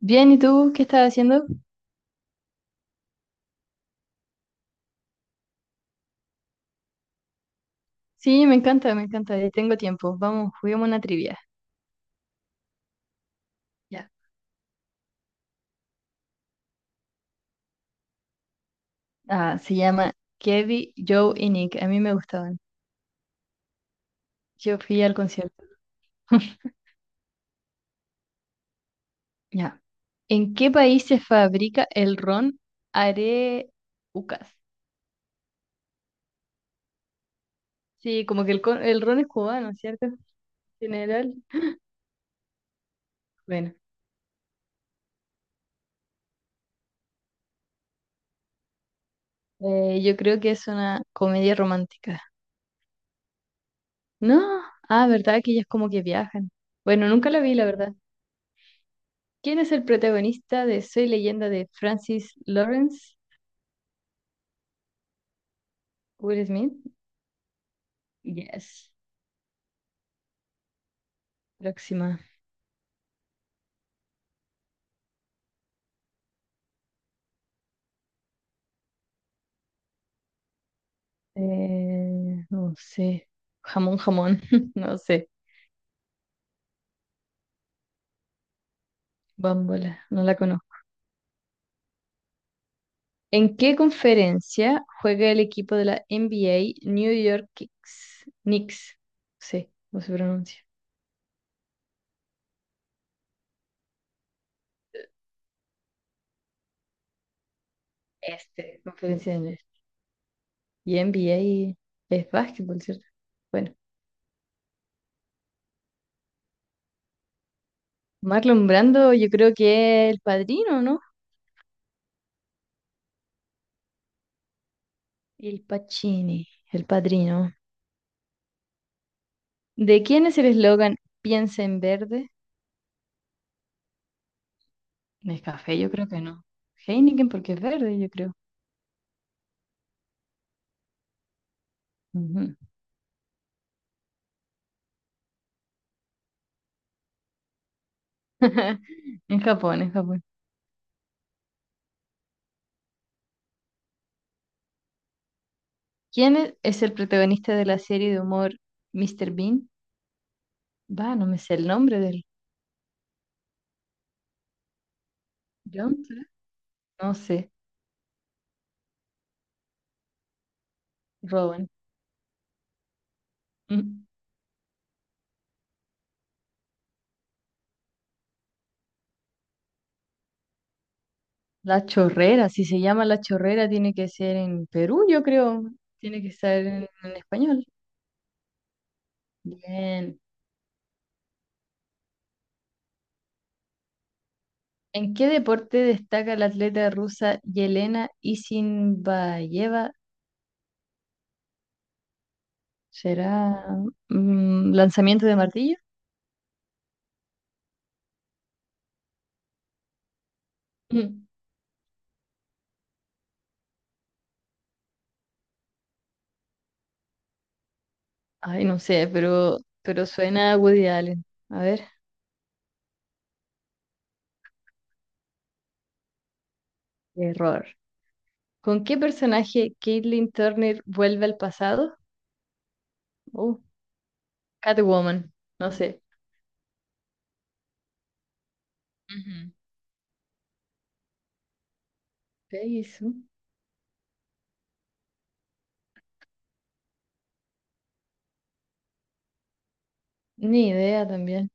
Bien, ¿y tú qué estás haciendo? Sí, me encanta, y tengo tiempo. Vamos, juguemos una trivia. Ya. Ah, se llama Kevin, Joe y Nick. A mí me gustaban. Yo fui al concierto. Ya. ¿En qué país se fabrica el ron Areucas? Sí, como que el ron es cubano, ¿cierto? En general. Bueno, yo creo que es una comedia romántica. No, ah, ¿verdad? Que ellas como que viajan. Bueno, nunca la vi, la verdad. ¿Quién es el protagonista de Soy Leyenda de Francis Lawrence? Will Smith. Yes. Próxima. No sé. Jamón, jamón. No sé. Bambola. No la conozco. ¿En qué conferencia juega el equipo de la NBA New York Knicks? Knicks. Sí, no sé cómo se pronuncia. Este, conferencia de inglés. Y NBA es básquetbol, ¿cierto? Bueno. Marlon Brando, yo creo que es el padrino, ¿no? Il Pacini, el padrino. ¿De quién es el eslogan Piensa en verde? Café, yo creo que no. Heineken porque es verde, yo creo. Ujú. En Japón, en Japón. ¿Quién es el protagonista de la serie de humor Mr. Bean? Va, no me sé el nombre del... ¿John, será? No sé, Rowan. Mm. La Chorrera, si se llama La Chorrera, tiene que ser en Perú, yo creo. Tiene que ser en español. Bien. ¿En qué deporte destaca la atleta rusa Yelena Isinbayeva? ¿Será lanzamiento de martillo? Mm. Ay, no sé, pero suena a Woody Allen. A ver, error. ¿Con qué personaje Caitlin Turner vuelve al pasado? Uh, Catwoman, no sé. Ujú. ¿Qué hizo? Ni idea también.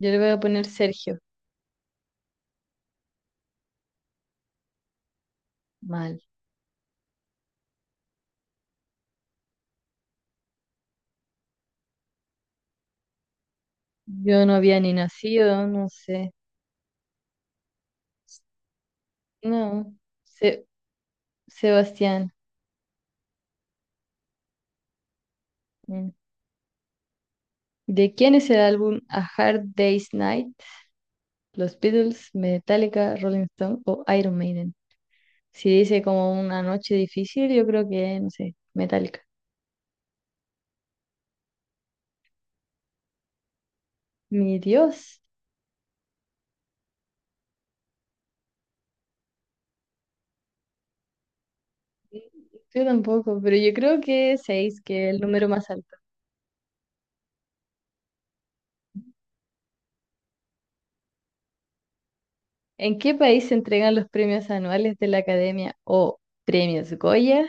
Yo le voy a poner Sergio. Mal. Yo no había ni nacido, no sé. No. Se- Sebastián. Mm. ¿De quién es el álbum A Hard Day's Night? ¿Los Beatles, Metallica, Rolling Stone o Iron Maiden? Si dice como una noche difícil, yo creo que, no sé, Metallica. Mi Dios, yo tampoco, pero yo creo que seis, que es el número más alto. ¿En qué país se entregan los premios anuales de la Academia o premios Goya?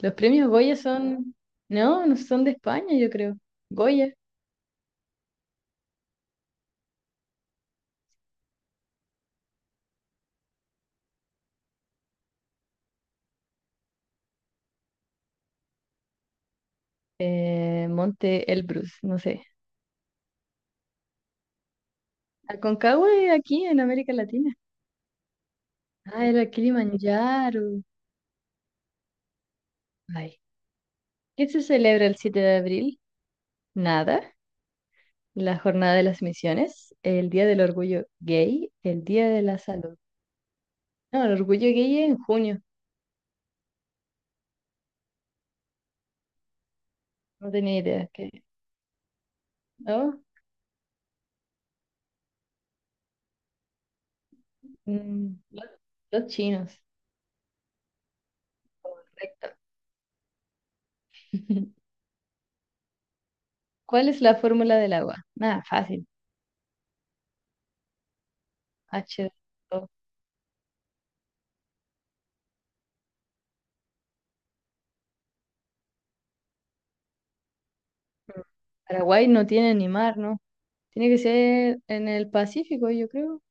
Los premios Goya son, no, no son de España, yo creo. Goya, Monte Elbrus, no sé. Aconcagua es aquí en América Latina. Ah, era Kilimanjaro. Ay. ¿Qué se celebra el 7 de abril? Nada. La Jornada de las Misiones, el Día del Orgullo Gay, el Día de la Salud. No, el Orgullo Gay es en junio. No tenía idea que... ¿No? Mm, los chinos. Correcto. ¿Cuál es la fórmula del agua? Nada, fácil. H dos o. Mm. Paraguay no tiene ni mar, ¿no? Tiene que ser en el Pacífico, yo creo.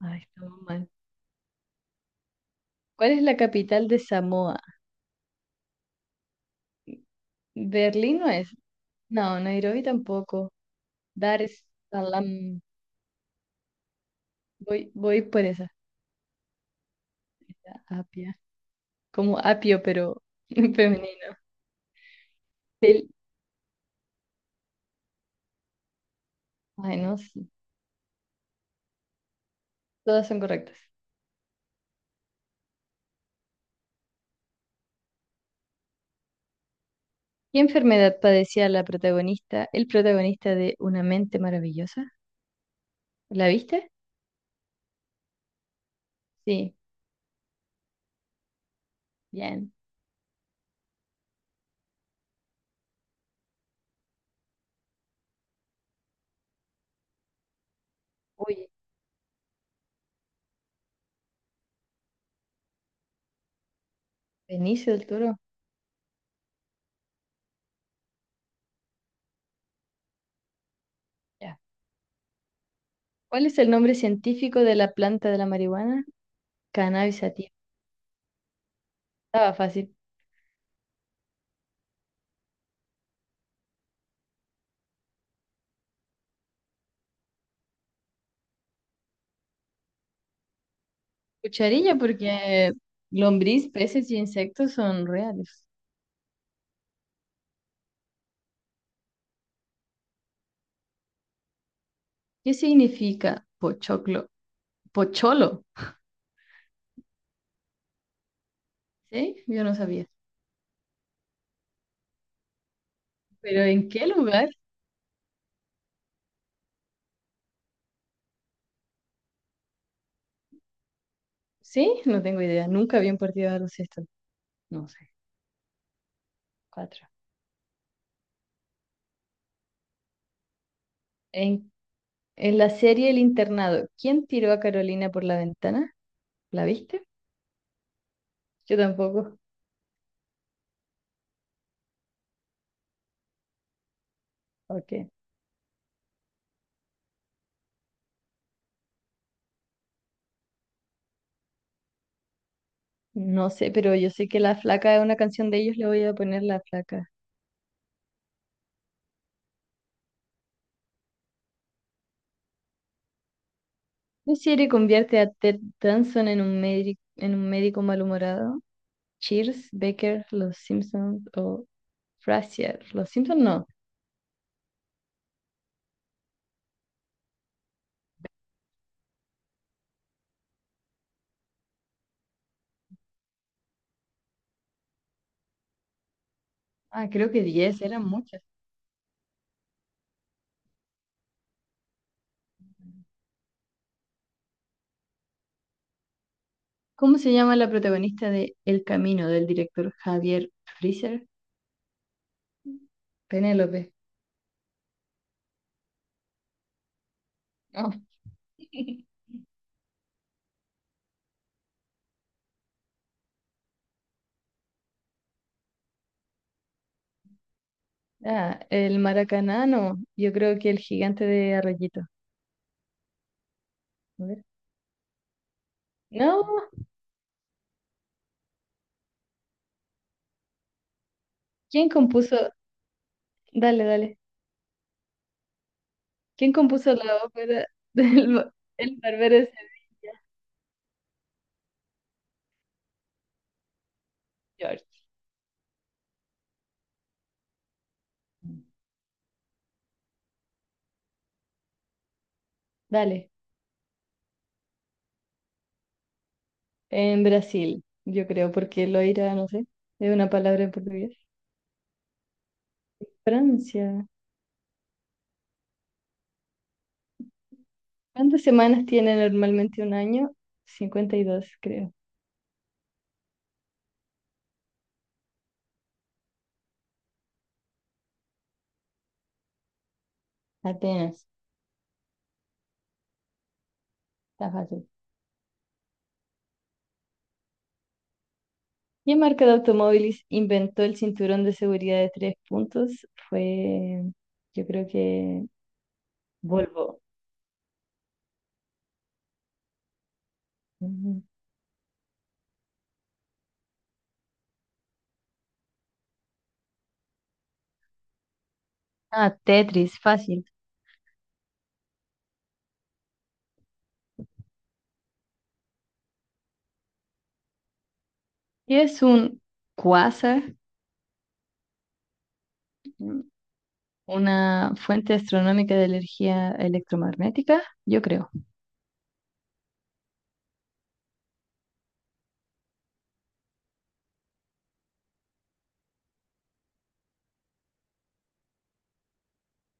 Ay, estamos mal. ¿Cuál es la capital de Samoa? Berlín no es. No, Nairobi tampoco. Dar es Salaam. Voy, voy por esa. Apia. Como apio, pero femenino. Fel- Ay, no sé. Todas son correctas. ¿Qué enfermedad padecía el protagonista de Una mente maravillosa? ¿La viste? Sí, bien. Uy, Benicio del Toro. Ya. ¿Cuál es el nombre científico de la planta de la marihuana? Cannabis sativa. Estaba fácil. Cucharilla porque lombriz, peces y insectos son reales. ¿Qué significa pochoclo? Pocholo, ¿sí? Yo no sabía. ¿Pero en qué lugar? Sí, no tengo idea. Nunca vi un partido de baloncesto. No sé. Cuatro. En, en la serie El Internado, ¿quién tiró a Carolina por la ventana? ¿La viste? Yo tampoco. Ok. No sé, pero yo sé que La Flaca es una canción de ellos, le voy a poner La Flaca. ¿Qué serie convierte a Ted Danson en un médico malhumorado? Cheers, Becker, Los Simpsons o Frasier. Los Simpsons no. Ah, creo que diez, eran muchas. ¿Cómo se llama la protagonista de El Camino del director Javier Freezer? Penélope. Oh. Ah, el Maracaná, no. Yo creo que el gigante de Arroyito. A ver. No, ¿quién compuso? Dale, dale. ¿Quién compuso la ópera del El Barbero de Sevilla? George. Dale. En Brasil, yo creo, porque loira, no sé, es una palabra en portugués. Francia. ¿Cuántas semanas tiene normalmente un año? 52, creo. Atenas, está fácil. ¿Qué marca de automóviles inventó el cinturón de seguridad de tres puntos? Fue, yo creo que Volvo. Ujú. Ah, Tetris, fácil. ¿Qué es un quasar? Una fuente astronómica de energía electromagnética, yo creo.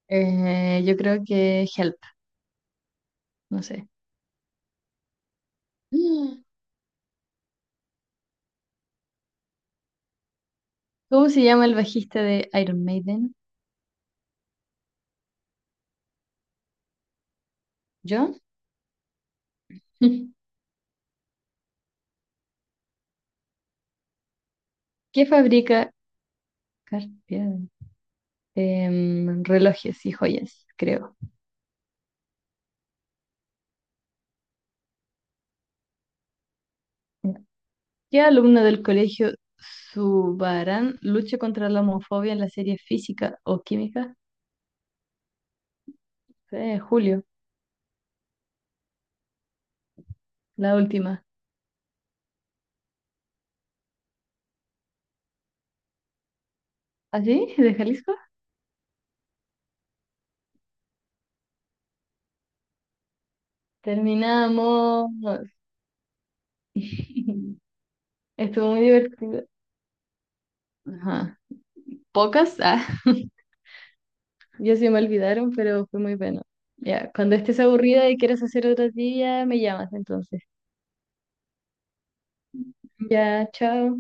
Yo creo que Help, no sé. Mm. ¿Cómo se llama el bajista de Iron Maiden? ¿John? ¿Qué fabrica Cartier? Relojes y joyas, creo. Ya. ¿Qué alumno del colegio Subarán lucha contra la homofobia en la serie Física o Química? Julio, la última. ¿Ah, sí? ¿De Jalisco? Terminamos. Estuvo muy divertido. Ajá. ¿Pocas? Ah. Ya se me olvidaron, pero fue muy bueno. Ya, cuando estés aburrida y quieras hacer otro día, me llamas entonces. Ya, chao.